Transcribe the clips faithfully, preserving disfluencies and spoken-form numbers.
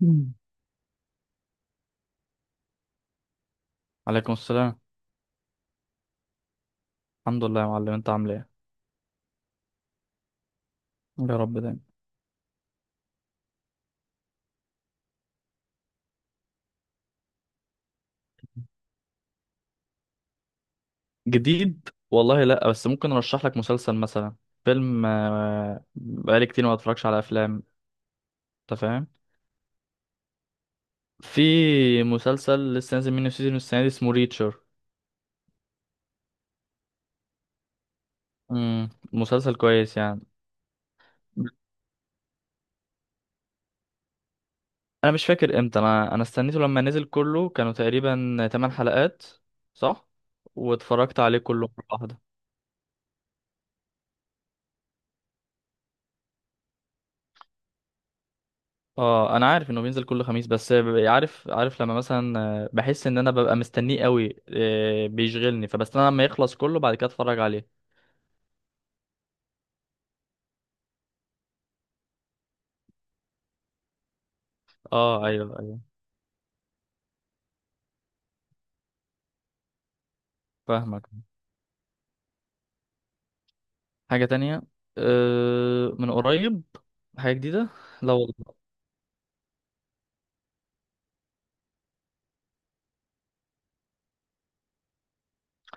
مم. عليكم السلام. الحمد لله يا معلم، انت عامل ايه؟ يا رب دايما. جديد والله، لا بس ممكن ارشح لك مسلسل مثلا. فيلم آه، بقالي كتير ما اتفرجش على افلام. انت فاهم. في مسلسل لسه نازل منه سيزون السنه دي اسمه ريتشر. امم مسلسل كويس يعني. انا مش فاكر امتى انا انا استنيته لما نزل كله، كانوا تقريبا ثماني حلقات. صح. واتفرجت عليه كله مرة واحدة. اه انا عارف انه بينزل كل خميس، بس ب- عارف عارف لما مثلا آه، بحس ان انا ببقى مستنيه قوي، آه، بيشغلني فبستنى لما يخلص كله بعد كده اتفرج عليه. اه ايوه ايوه فاهمك. حاجه تانية. أه من قريب. حاجه جديده. لا والله.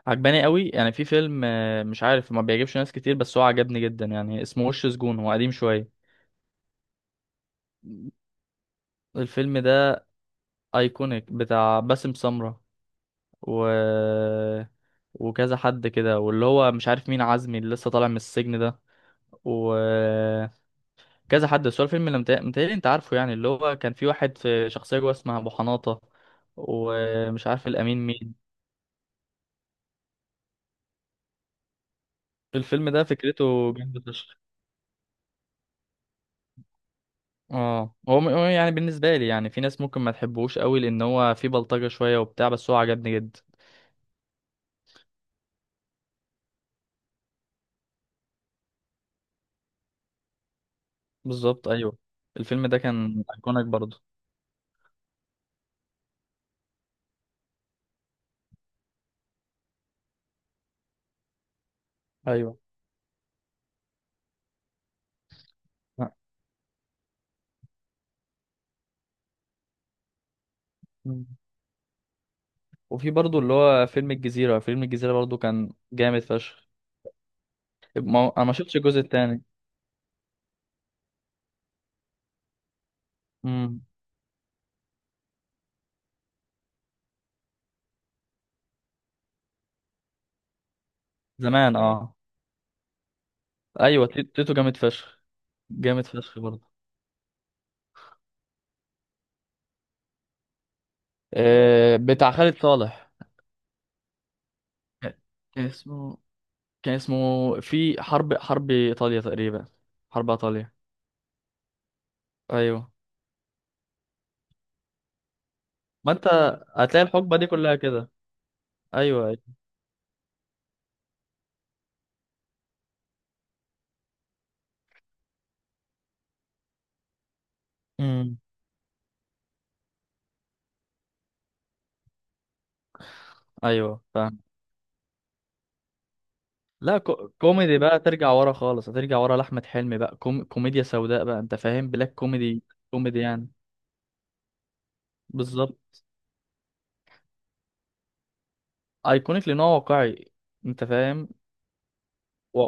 عجباني قوي، يعني في فيلم آه، مش عارف ما بيعجبش ناس كتير بس هو عجبني جدا يعني، اسمه وش سجون، هو قديم شويه. الفيلم ده ايكونيك بتاع باسم سمرة و وكذا حد كده، واللي هو مش عارف مين عزمي اللي لسه طالع من السجن ده وكذا حد، بس هو الفيلم اللي متهيألي متهيألي انت عارفه يعني، اللي هو كان في واحد في شخصية جوه اسمها أبو حناطة، ومش عارف الأمين مين. الفيلم ده فكرته جامدة فشخ. اه هو م- هو يعني بالنسبة لي، يعني في ناس ممكن ما تحبوش قوي لأن هو فيه بلطجة شوية وبتاع، بس هو عجبني جدا. بالظبط أيوه. الفيلم ده كان أيكونيك برضه. ايوه لا. مم. وفي برضه اللي هو فيلم الجزيرة فيلم الجزيرة برضه، كان جامد فشخ. ما هو- أنا ما شفتش الجزء التاني. مم. زمان اه. ايوه تي- تيتو جامد فشخ. جامد فشخ برضه. آه، بتاع خالد صالح. كان اسمه كان اسمه في حرب حرب ايطاليا تقريبا. حرب ايطاليا. ايوه. ما انت هتلاقي الحقبه دي كلها كده. ايوه ايوه. امم ايوه فاهم. لا كو... كوميدي بقى، ترجع ورا خالص، هترجع ورا لاحمد حلمي بقى، كوم... كوميديا سوداء بقى، انت فاهم، بلاك كوميدي. كوميدي يعني. بالظبط. ايكونيك لان هو واقعي. انت فاهم. و...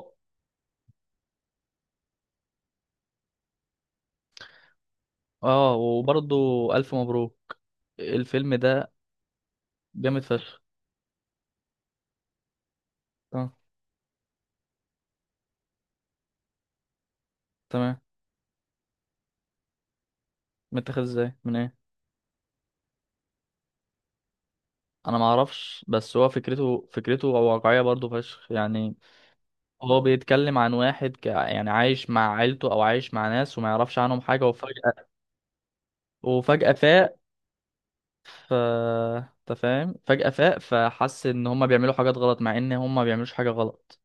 اه وبرضه. الف مبروك. الفيلم ده جامد فشخ. اه. تمام. متاخد ازاي؟ من ايه؟ انا ما اعرفش، بس هو فكرته فكرته واقعيه برضو فشخ يعني. هو بيتكلم عن واحد ك... يعني عايش مع عيلته او عايش مع ناس وما يعرفش عنهم حاجه، وفجاه. وفجاه فاق. ف انت فاهم، فجاه فاق فحس ان هما بيعملوا حاجات غلط مع ان هما ما بيعملوش حاجه غلط.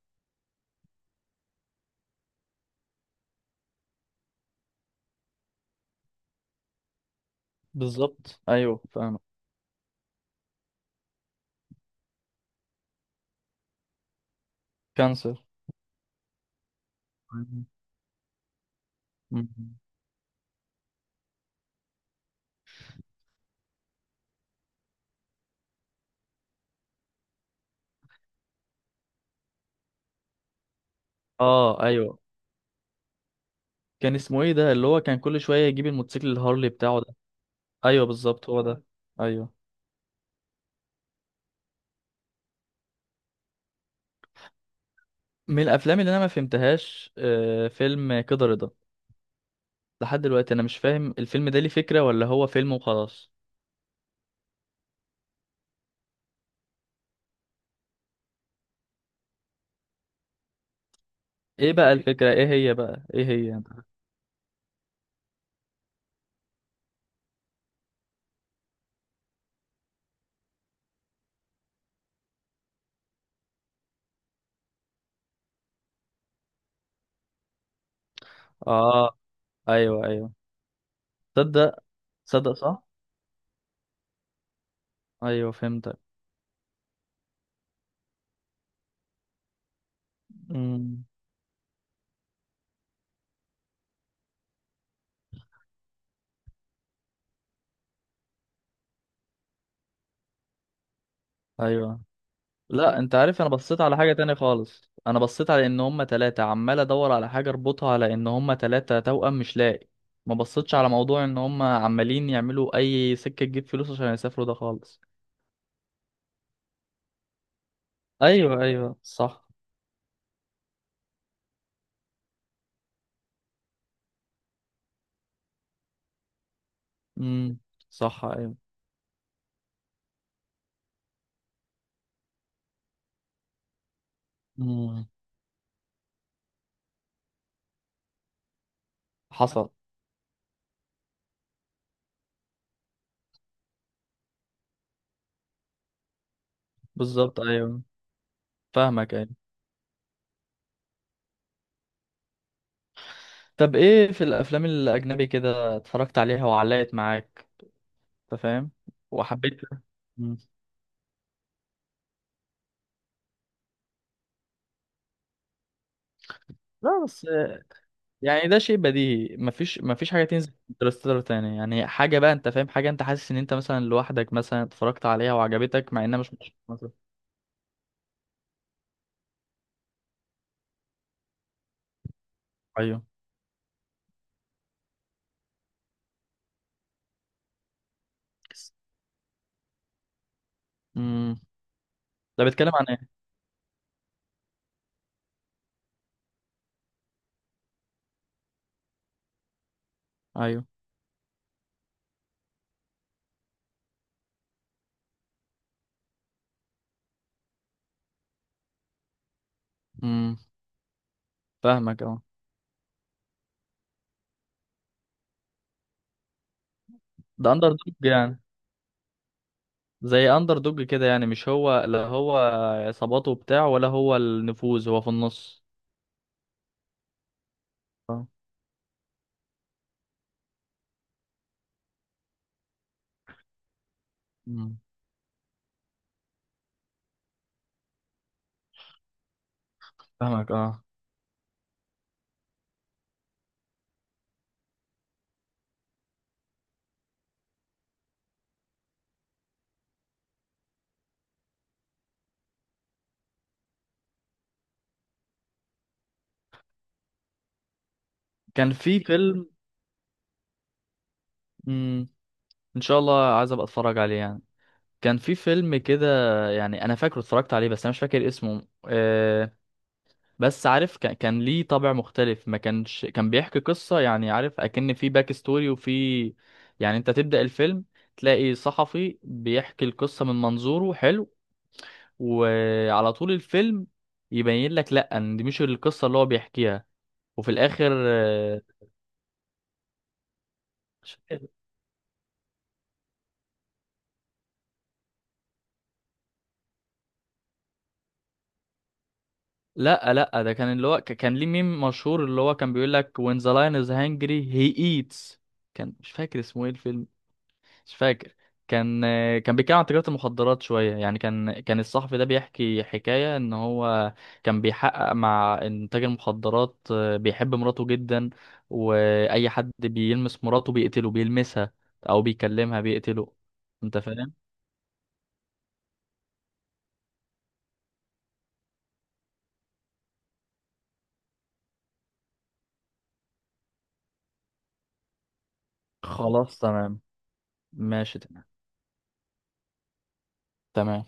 بالظبط ايوه فاهم. كانسر. مم. اه ايوه. كان اسمه ايه ده اللي هو كان كل شويه يجيب الموتوسيكل الهارلي بتاعه ده؟ ايوه بالظبط هو ده. ايوه. من الافلام اللي انا ما فهمتهاش آه، فيلم كده رضا. لحد دلوقتي انا مش فاهم الفيلم ده ليه فكرة ولا هو فيلم وخلاص. ايه بقى الفكرة؟ ايه هي بقى؟ ايه هي؟ اه ايوه ايوه. تصدق. تصدق، صح ايوه فهمتك. امم ايوه. لا انت عارف، انا بصيت على حاجة تانية خالص، انا بصيت على ان هما تلاتة، عمال ادور على حاجة اربطها على ان هما تلاتة توأم مش لاقي. ما بصيتش على موضوع ان هما عمالين يعملوا اي سكة تجيب فلوس عشان يسافروا ده خالص. ايوه ايوه صح. امم صح ايوه. امم حصل. بالظبط ايوه فاهمك ايوه. طب ايه في الافلام الاجنبي كده اتفرجت عليها وعلقت معاك؟ انت فاهم. وحبيتها. مم. لا بس، يعني ده شيء بديهي، مفيش مفيش حاجه تنزل انترستيلر تاني يعني، حاجه بقى انت فاهم، حاجه انت حاسس ان انت مثلا لوحدك مثلا اتفرجت عليها وعجبتك مع انها مش مشهورة مثلا. ايوه. امم ده بيتكلم عن ايه؟ ايوه. امم فاهمك اه. ده اندر دوج يعني؟ زي اندر دوج كده يعني، مش هو، لا هو عصاباته بتاع ولا هو النفوذ، هو في النص؟ آه. مم. فاهمك اه. كان في فيلم. مم. ان شاء الله عايز ابقى اتفرج عليه يعني. كان في فيلم كده. يعني انا فاكره اتفرجت عليه، بس انا مش فاكر اسمه آه بس عارف كان, كان, ليه طابع مختلف، ما كانش كان بيحكي قصة يعني، عارف اكن في باك ستوري وفي. يعني انت تبدأ الفيلم، تلاقي صحفي بيحكي القصة من منظوره حلو. وعلى طول الفيلم يبين لك لا، ان دي مش القصه اللي هو بيحكيها. وفي الاخر آه، لا لا، ده كان اللي هو ك- كان ليه ميم مشهور اللي هو كان بيقول لك when the lion is hungry he eats. كان مش فاكر اسمه ايه الفيلم. مش فاكر. كان كان بيتكلم عن تجارة المخدرات شوية يعني، كان كان الصحفي ده بيحكي حكاية ان هو كان بيحقق مع إن تاجر مخدرات آه، بيحب مراته جدا، واي حد بيلمس مراته بيقتله، بيلمسها او بيكلمها بيقتله. انت فاهم. خلاص تمام. ماشي تمام. تمام.